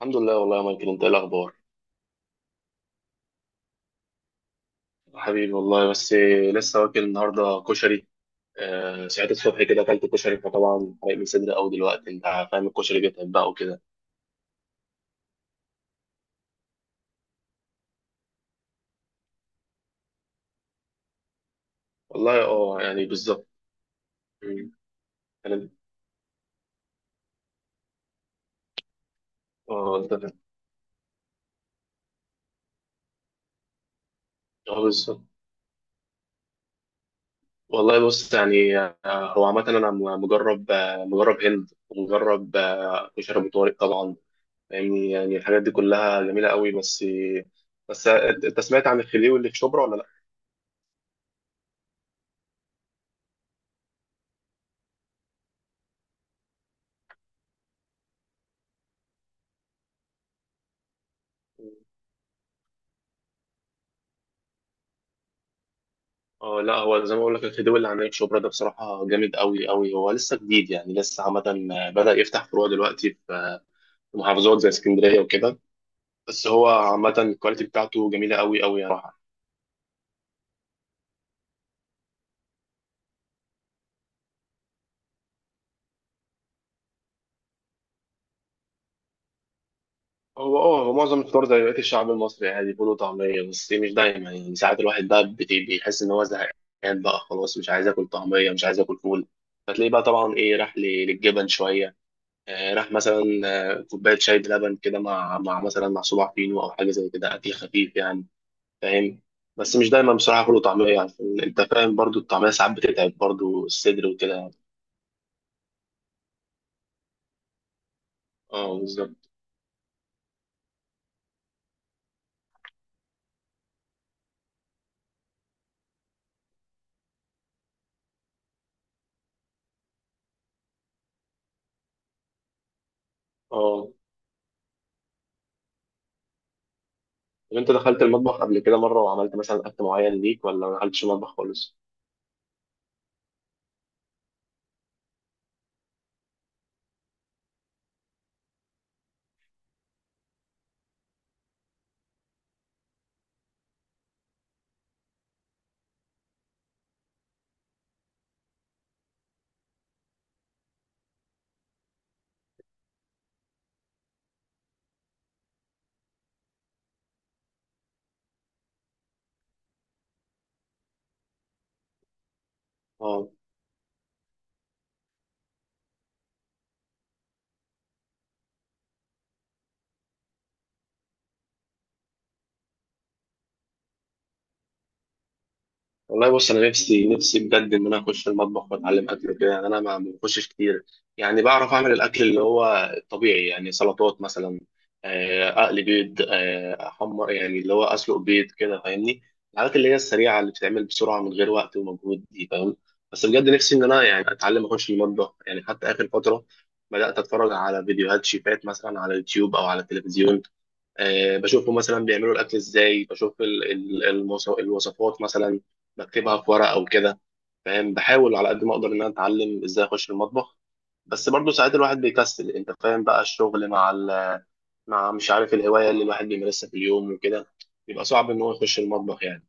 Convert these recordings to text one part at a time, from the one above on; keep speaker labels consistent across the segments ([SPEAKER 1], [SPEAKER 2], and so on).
[SPEAKER 1] الحمد لله، والله يا مايكل، انت ايه الاخبار؟ حبيبي والله. بس لسه واكل النهارده كشري. آه، ساعات الصبح كده اكلت كشري، فطبعا حرق لي صدري قوي دلوقتي. انت فاهم الكشري بيتعب بقى وكده. والله اه يعني بالظبط. مم. انا. اه انت فاهم. اه بالظبط. والله بص يعني، هو عامة أنا مجرب هند، ومجرب كشري أبو طارق طبعا. يعني الحاجات دي كلها جميلة قوي. بس أنت سمعت عن الخليوي اللي في شبرا ولا لأ؟ اه لا، هو زي ما بقول لك الخديوي اللي عند شبرا ده بصراحه جامد قوي قوي. هو لسه جديد، يعني لسه عامه بدا يفتح فروع دلوقتي في محافظات زي اسكندريه وكده. بس هو عامه الكواليتي بتاعته جميله قوي قوي يعني بصراحه. هو اه هو معظم الفطار زي بقيه الشعب المصري عادي، فول وطعميه. بس إيه، مش دايما يعني. ساعات الواحد بقى بيحس ان هو زهقان بقى خلاص، مش عايز اكل طعميه، مش عايز اكل فول. فتلاقيه بقى طبعا ايه، راح للجبن شويه. راح مثلا كوبايه شاي بلبن كده مع مثلا مع صباع فينو او حاجه زي كده، اكل خفيف يعني، فاهم. بس مش دايما بصراحه فول وطعميه، عشان انت فاهم برضو الطعميه ساعات بتتعب برضو الصدر وكده يعني. اه بالظبط. اه، طب انت دخلت المطبخ قبل كده مره وعملت مثلا اكل معين ليك، ولا ما دخلتش المطبخ خالص؟ اه، والله بص، انا نفسي نفسي بجد ان انا اخش المطبخ واتعلم اكل كده. يعني انا ما بخشش كتير، يعني بعرف اعمل الاكل اللي هو الطبيعي يعني، سلطات مثلا، اقلي بيض، احمر يعني اللي هو اسلق بيض كده، فاهمني. الحاجات اللي هي السريعه اللي بتتعمل بسرعه من غير وقت ومجهود دي، فاهم. بس بجد نفسي ان انا يعني اتعلم اخش المطبخ، يعني حتى اخر فتره بدات اتفرج على فيديوهات شيفات مثلا على يوتيوب او على التلفزيون. بشوفهم مثلا بيعملوا الاكل ازاي، بشوف الوصفات مثلا، بكتبها في ورق او كده، فاهم. بحاول على قد ما اقدر ان انا اتعلم ازاي اخش المطبخ. بس برضه ساعات الواحد بيكسل، انت فاهم بقى الشغل مع مش عارف الهوايه اللي الواحد بيمارسها في اليوم وكده، بيبقى صعب ان هو يخش المطبخ يعني.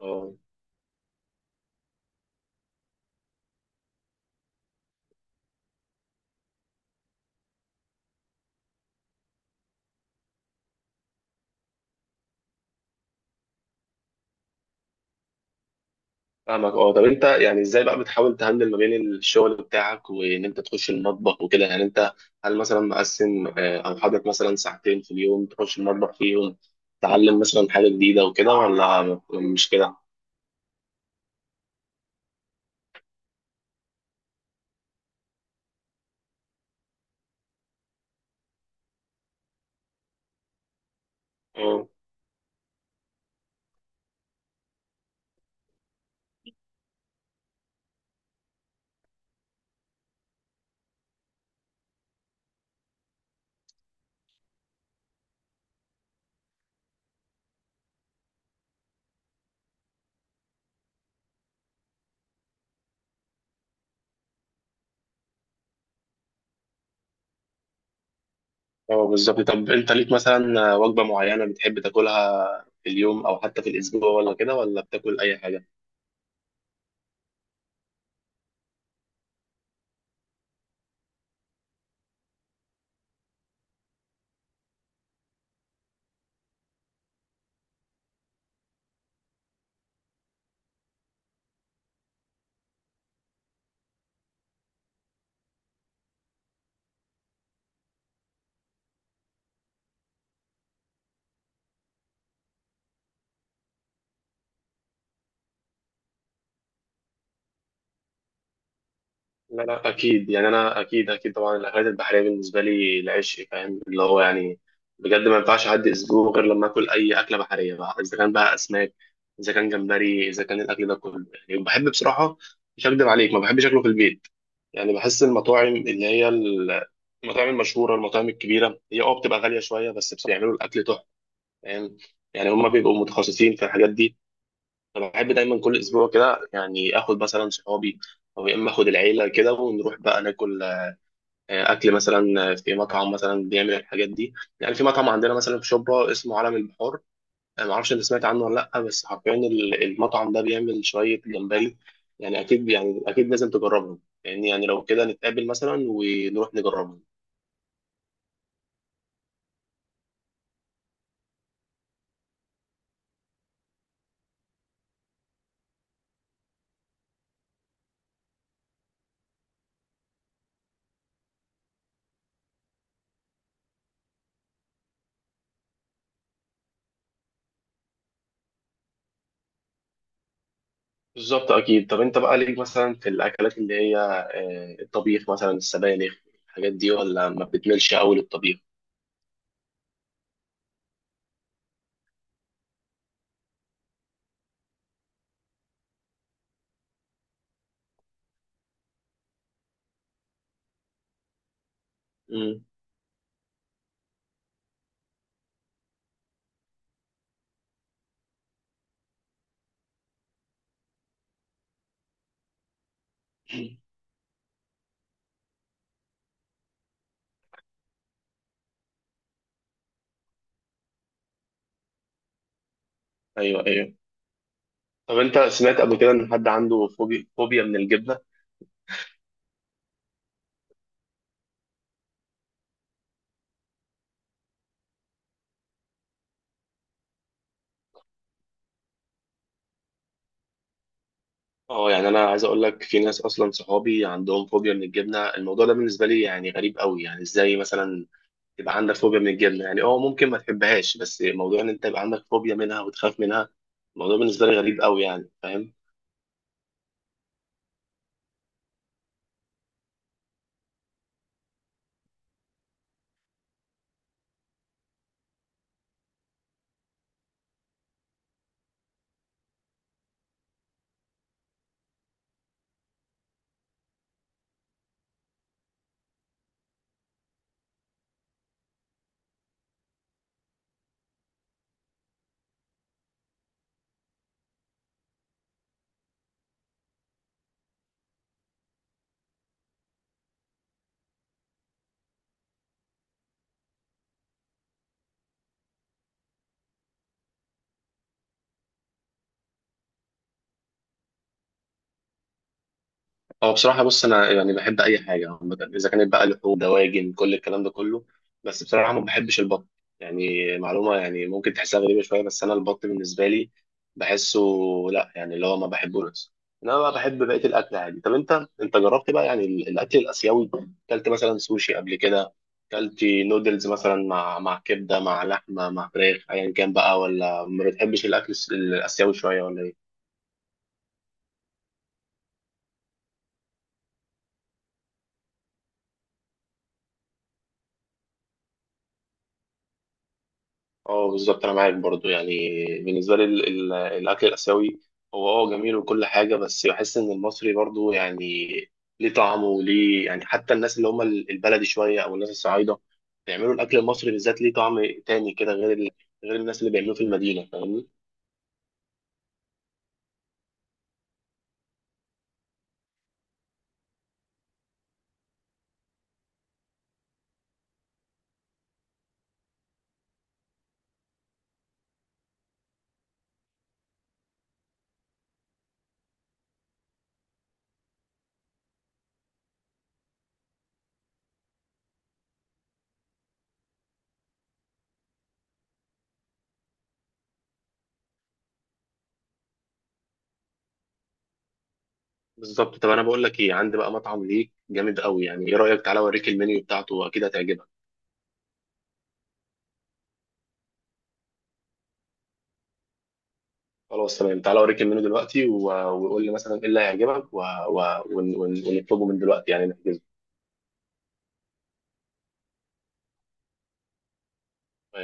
[SPEAKER 1] اه فاهمك. اه، طب انت يعني ازاي بقى بتحاول تهندل ما بين الشغل بتاعك وان انت تخش المطبخ وكده يعني؟ انت هل مثلا مقسم، او حاطط مثلا ساعتين في اليوم تخش المطبخ فيهم، تعلم مثلا حاجة جديدة وكده، ولا مش كده؟ اه. اه بالظبط. طب انت ليك مثلا وجبة معينة بتحب تاكلها في اليوم او حتى في الاسبوع، ولا كده ولا بتاكل اي حاجة؟ لا لا اكيد يعني، انا اكيد اكيد طبعا الاكلات البحريه بالنسبه لي العشق، فاهم اللي هو يعني بجد ما ينفعش اعدي اسبوع غير لما اكل اي اكله بحريه بقى، اذا كان بقى اسماك، اذا كان جمبري، اذا كان الاكل ده كله يعني بحب بصراحه. مش هكدب عليك، ما بحبش اكله في البيت. يعني بحس المطاعم اللي هي المطاعم المشهوره، المطاعم الكبيره، هي بتبقى غاليه شويه، بس بصراحه بيعملوا الاكل تحفه، فاهم. يعني هم بيبقوا متخصصين في الحاجات دي. انا بحب دايما كل اسبوع كده، يعني اخد مثلا صحابي، او يا اما اخد العيله كده ونروح بقى ناكل اكل مثلا في مطعم مثلا بيعمل الحاجات دي. يعني في مطعم عندنا مثلا في شبرا اسمه عالم البحار، انا ما اعرفش انت سمعت عنه ولا لا، بس حرفيا المطعم ده بيعمل شويه جمبري، يعني اكيد يعني اكيد لازم تجربهم. يعني يعني لو كده نتقابل مثلا ونروح نجربهم. بالظبط اكيد. طب انت بقى ليك مثلا في الاكلات اللي هي الطبيخ مثلا، السبانخ، الحاجات دي، ولا ما بتملش قوي للطبيخ؟ مم. ايوه ايوه. طب انت سمعت قبل كده ان حد عنده فوبيا من الجبنه؟ اه، يعني انا عايز اقول لك في ناس اصلا صحابي عندهم فوبيا من الجبنه. الموضوع ده بالنسبه لي يعني غريب قوي، يعني ازاي مثلا يبقى عندك فوبيا من الجبنه؟ يعني ممكن ما تحبهاش، بس موضوع ان انت يبقى عندك فوبيا منها وتخاف منها، الموضوع بالنسبه لي غريب قوي يعني، فاهم. هو بصراحة بص، أنا يعني بحب أي حاجة عامة، إذا كانت بقى لحوم، دواجن، كل الكلام ده كله. بس بصراحة ما بحبش البط. يعني معلومة يعني ممكن تحسها غريبة شوية، بس أنا البط بالنسبة لي بحسه، لأ يعني اللي هو ما بحبوش. إنما بقى بحب بقية الأكل عادي. طب أنت جربت بقى يعني الأكل الآسيوي؟ أكلت مثلا سوشي قبل كده؟ أكلت نودلز مثلا مع كبدة، مع لحمة، مع فراخ، أيا كان بقى، ولا ما بتحبش الأكل الآسيوي شوية ولا إيه؟ اه بالظبط، انا معاك برضو يعني. بالنسبه لي الاكل الاسيوي هو جميل وكل حاجه، بس بحس ان المصري برضو يعني ليه طعمه وليه يعني. حتى الناس اللي هم البلدي شويه، او الناس الصعايده، بيعملوا الاكل المصري بالذات، ليه طعم تاني كده، غير الناس اللي بيعملوه في المدينه، فاهمني. بالظبط. طب انا بقول لك ايه، عندي بقى مطعم ليك جامد قوي، يعني ايه رايك تعالى اوريك المنيو بتاعته واكيد هتعجبك. خلاص تمام، تعالى اوريك المنيو دلوقتي وقول لي مثلا ايه اللي هيعجبك ونطلبه من دلوقتي يعني نحجزه.